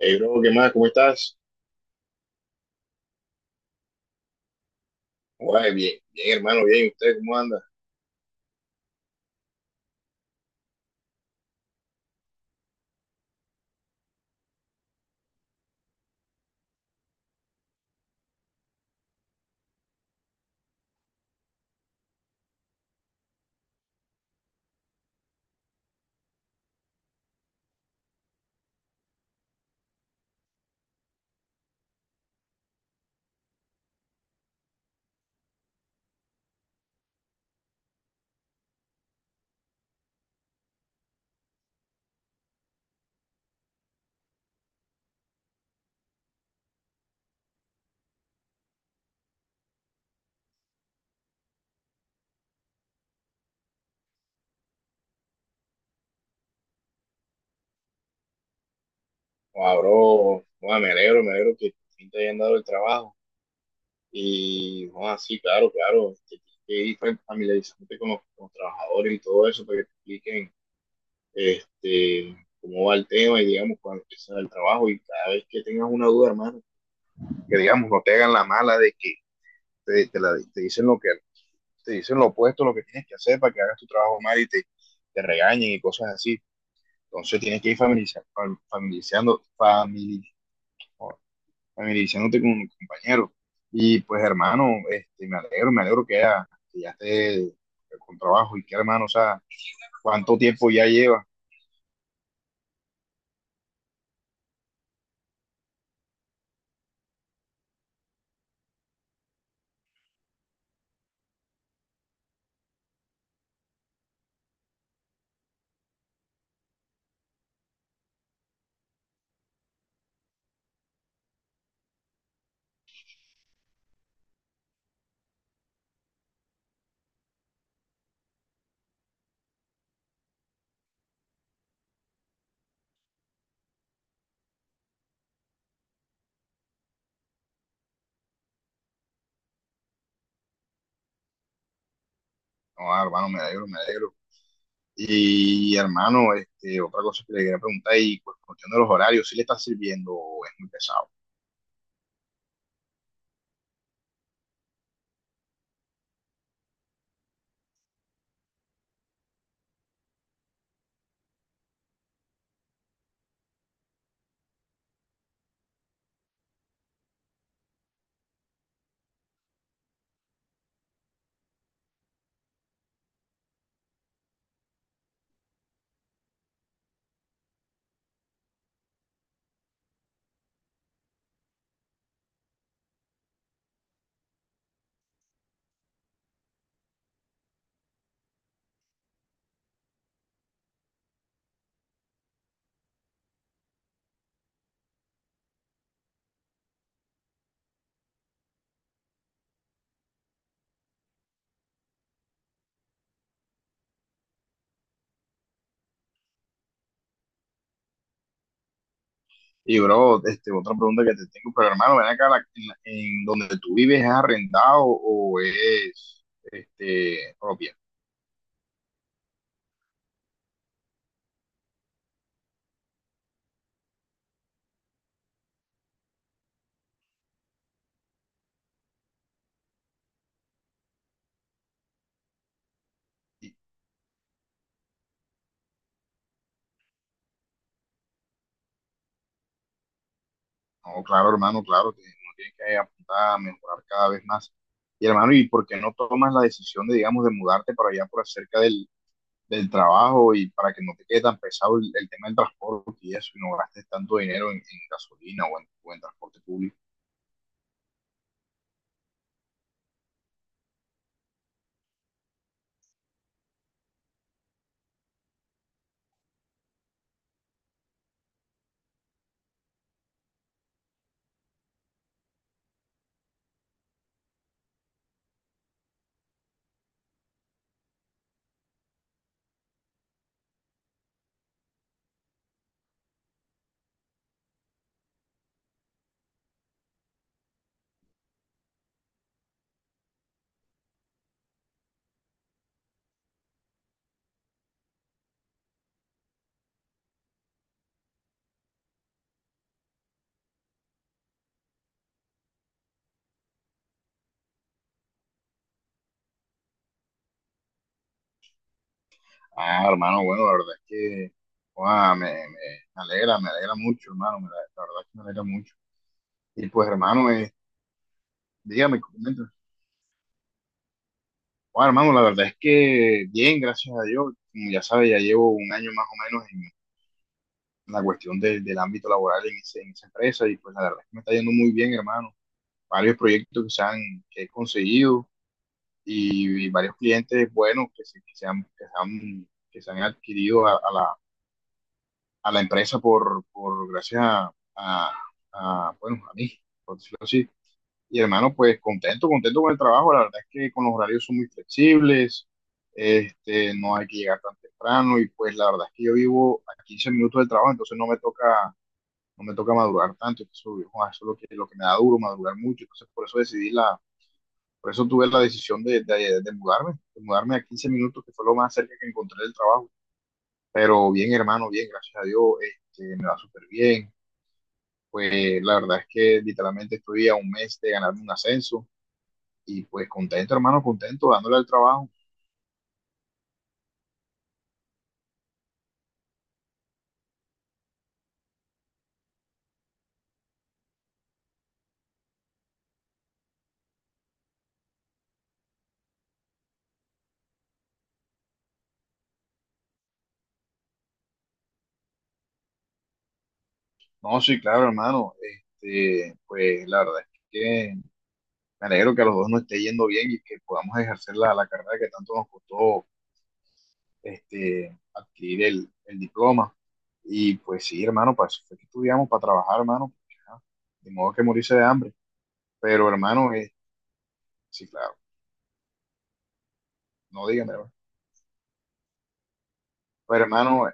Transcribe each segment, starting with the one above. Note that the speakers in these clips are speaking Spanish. Hey, bro, ¿qué más? ¿Cómo estás? Guay, bien, bien, hermano, bien. ¿Y usted cómo anda? Guau, bro, guau, me alegro que por fin te hayan dado el trabajo. Y, guau, sí, claro, claro. Te tienes que ir familiarizándote con los trabajadores y todo eso para que te expliquen este, cómo va el tema y, digamos, cuando empiezas el trabajo. Y cada vez que tengas una duda, hermano, que, digamos, no te hagan la mala de que te, te la- te dicen lo que, te dicen lo opuesto a lo que tienes que hacer para que hagas tu trabajo mal y te regañen y cosas así. Entonces tienes que ir familiarizando, famili- familiarizándote con compañeros. Y pues hermano, este, me alegro que ya esté con trabajo. Y que hermano, o sea, ¿cuánto tiempo ya lleva? No, ah, hermano, me alegro, me alegro. Y hermano, este, otra cosa que le quería preguntar, y pues cuestión de los horarios, ¿si le está sirviendo o es muy pesado? Y bro, este, otra pregunta que te tengo, pero hermano, ven acá, en donde tú vives, ¿es arrendado o es este, propia? No, claro, hermano, claro, que uno tiene que apuntar a mejorar cada vez más. Y hermano, ¿y por qué no tomas la decisión de, digamos, de mudarte para allá por acerca del trabajo y para que no te quede tan pesado el tema del transporte y eso, y no gastes tanto dinero en gasolina o en transporte público? Ah, hermano, bueno, la verdad es que ah, me, me- me alegra mucho, hermano, la verdad es que me alegra mucho. Y pues, hermano, dígame, comenta. Ah, hermano, la verdad es que bien, gracias a Dios, como ya sabes, ya llevo un año más o menos la cuestión del ámbito laboral esa empresa y pues la verdad es que me está yendo muy bien, hermano. Varios proyectos que he conseguido y varios clientes buenos que se han adquirido a la empresa por gracias a, bueno, a mí, por decirlo así. Y hermano, pues contento, contento con el trabajo. La verdad es que con los horarios son muy flexibles, este, no hay que llegar tan temprano y pues la verdad es que yo vivo a 15 minutos del trabajo, entonces no me toca madrugar tanto. Entonces, uy, joder, eso es lo que me da duro, madrugar mucho. Entonces por eso por eso tuve la decisión de mudarme a 15 minutos, que fue lo más cerca que encontré del trabajo, pero bien hermano, bien, gracias a Dios. Este, me va súper bien, pues la verdad es que literalmente estoy a un mes de ganarme un ascenso y pues contento hermano, contento dándole al trabajo. No, sí, claro hermano, este, pues la verdad es que me alegro que a los dos nos esté yendo bien y que podamos ejercer la carrera que tanto nos costó este, adquirir el diploma. Y pues sí, hermano, para eso fue que estudiamos, para trabajar, hermano. Porque, ajá, de modo que morirse de hambre. Pero hermano, sí, claro, no dígame, hermano. Pero hermano,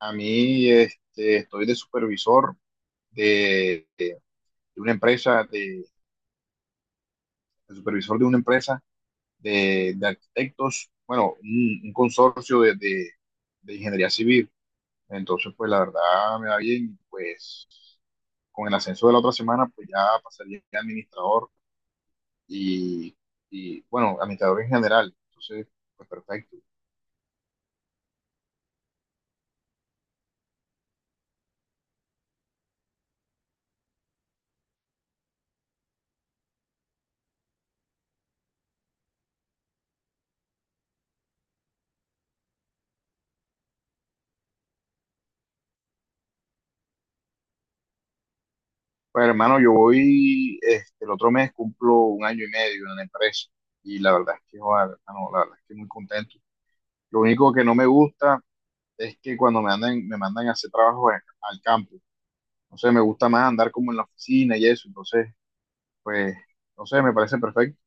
a mí este, estoy de supervisor de, de- de una empresa, de supervisor de una empresa de arquitectos, bueno, un consorcio de ingeniería civil. Entonces, pues la verdad me va bien, pues con el ascenso de la otra semana, pues ya pasaría a administrador y, y bueno, administrador en general. Entonces, pues perfecto. Pues hermano, este, el otro mes cumplo un año y medio en la empresa y la verdad es que, joder, hermano, la verdad es que muy contento. Lo único que no me gusta es que cuando me mandan a hacer trabajo al campo, no sé, me gusta más andar como en la oficina y eso. Entonces, pues, no sé, me parece perfecto.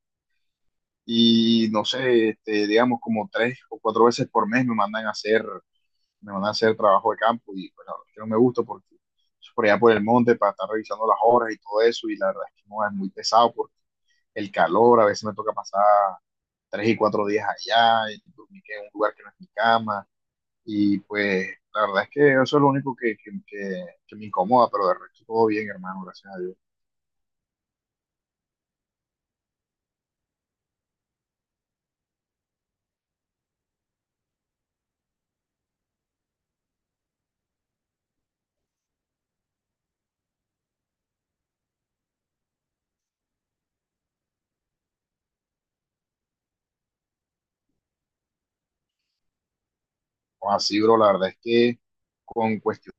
Y no sé, este, digamos, como 3 o 4 veces por mes me van a hacer trabajo de campo y pues la verdad es que no me gusta porque es por allá por el monte para estar revisando las horas y todo eso, y la verdad es que no es muy pesado porque el calor, a veces me toca pasar 3 y 4 días allá y dormir en un lugar que no es mi cama. Y pues la verdad es que eso es lo único que me incomoda, pero de resto todo bien hermano, gracias a Dios. O así, bro, la verdad es que con cuestión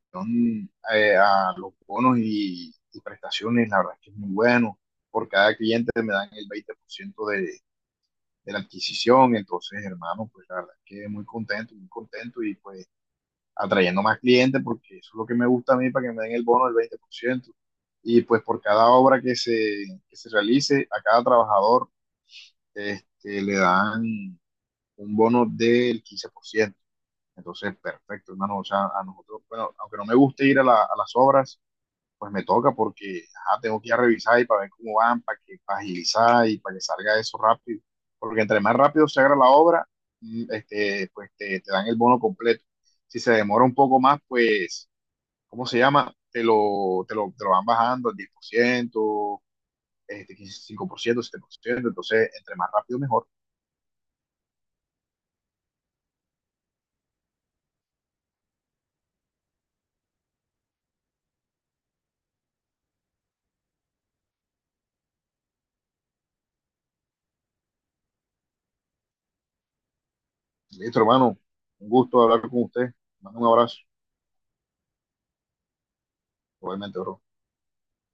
a los bonos y prestaciones, la verdad es que es muy bueno. Por cada cliente me dan el 20% de la adquisición. Entonces, hermano, pues la verdad es que muy contento y pues atrayendo más clientes porque eso es lo que me gusta a mí, para que me den el bono del 20%. Y pues por cada obra que se realice, a cada trabajador este, le dan un bono del 15%. Entonces, perfecto, hermano. O sea, a nosotros, bueno, aunque no me guste ir a las obras, pues me toca porque ajá, tengo que ir a revisar y para ver cómo van, para agilizar y para que salga eso rápido. Porque entre más rápido se haga la obra, este, pues te dan el bono completo. Si se demora un poco más, pues, ¿cómo se llama? Te lo van bajando al 10%, este, 5%, 7%. Entonces, entre más rápido, mejor. Listo, hermano. Un gusto hablar con usted. Mando un abrazo, obviamente, bro.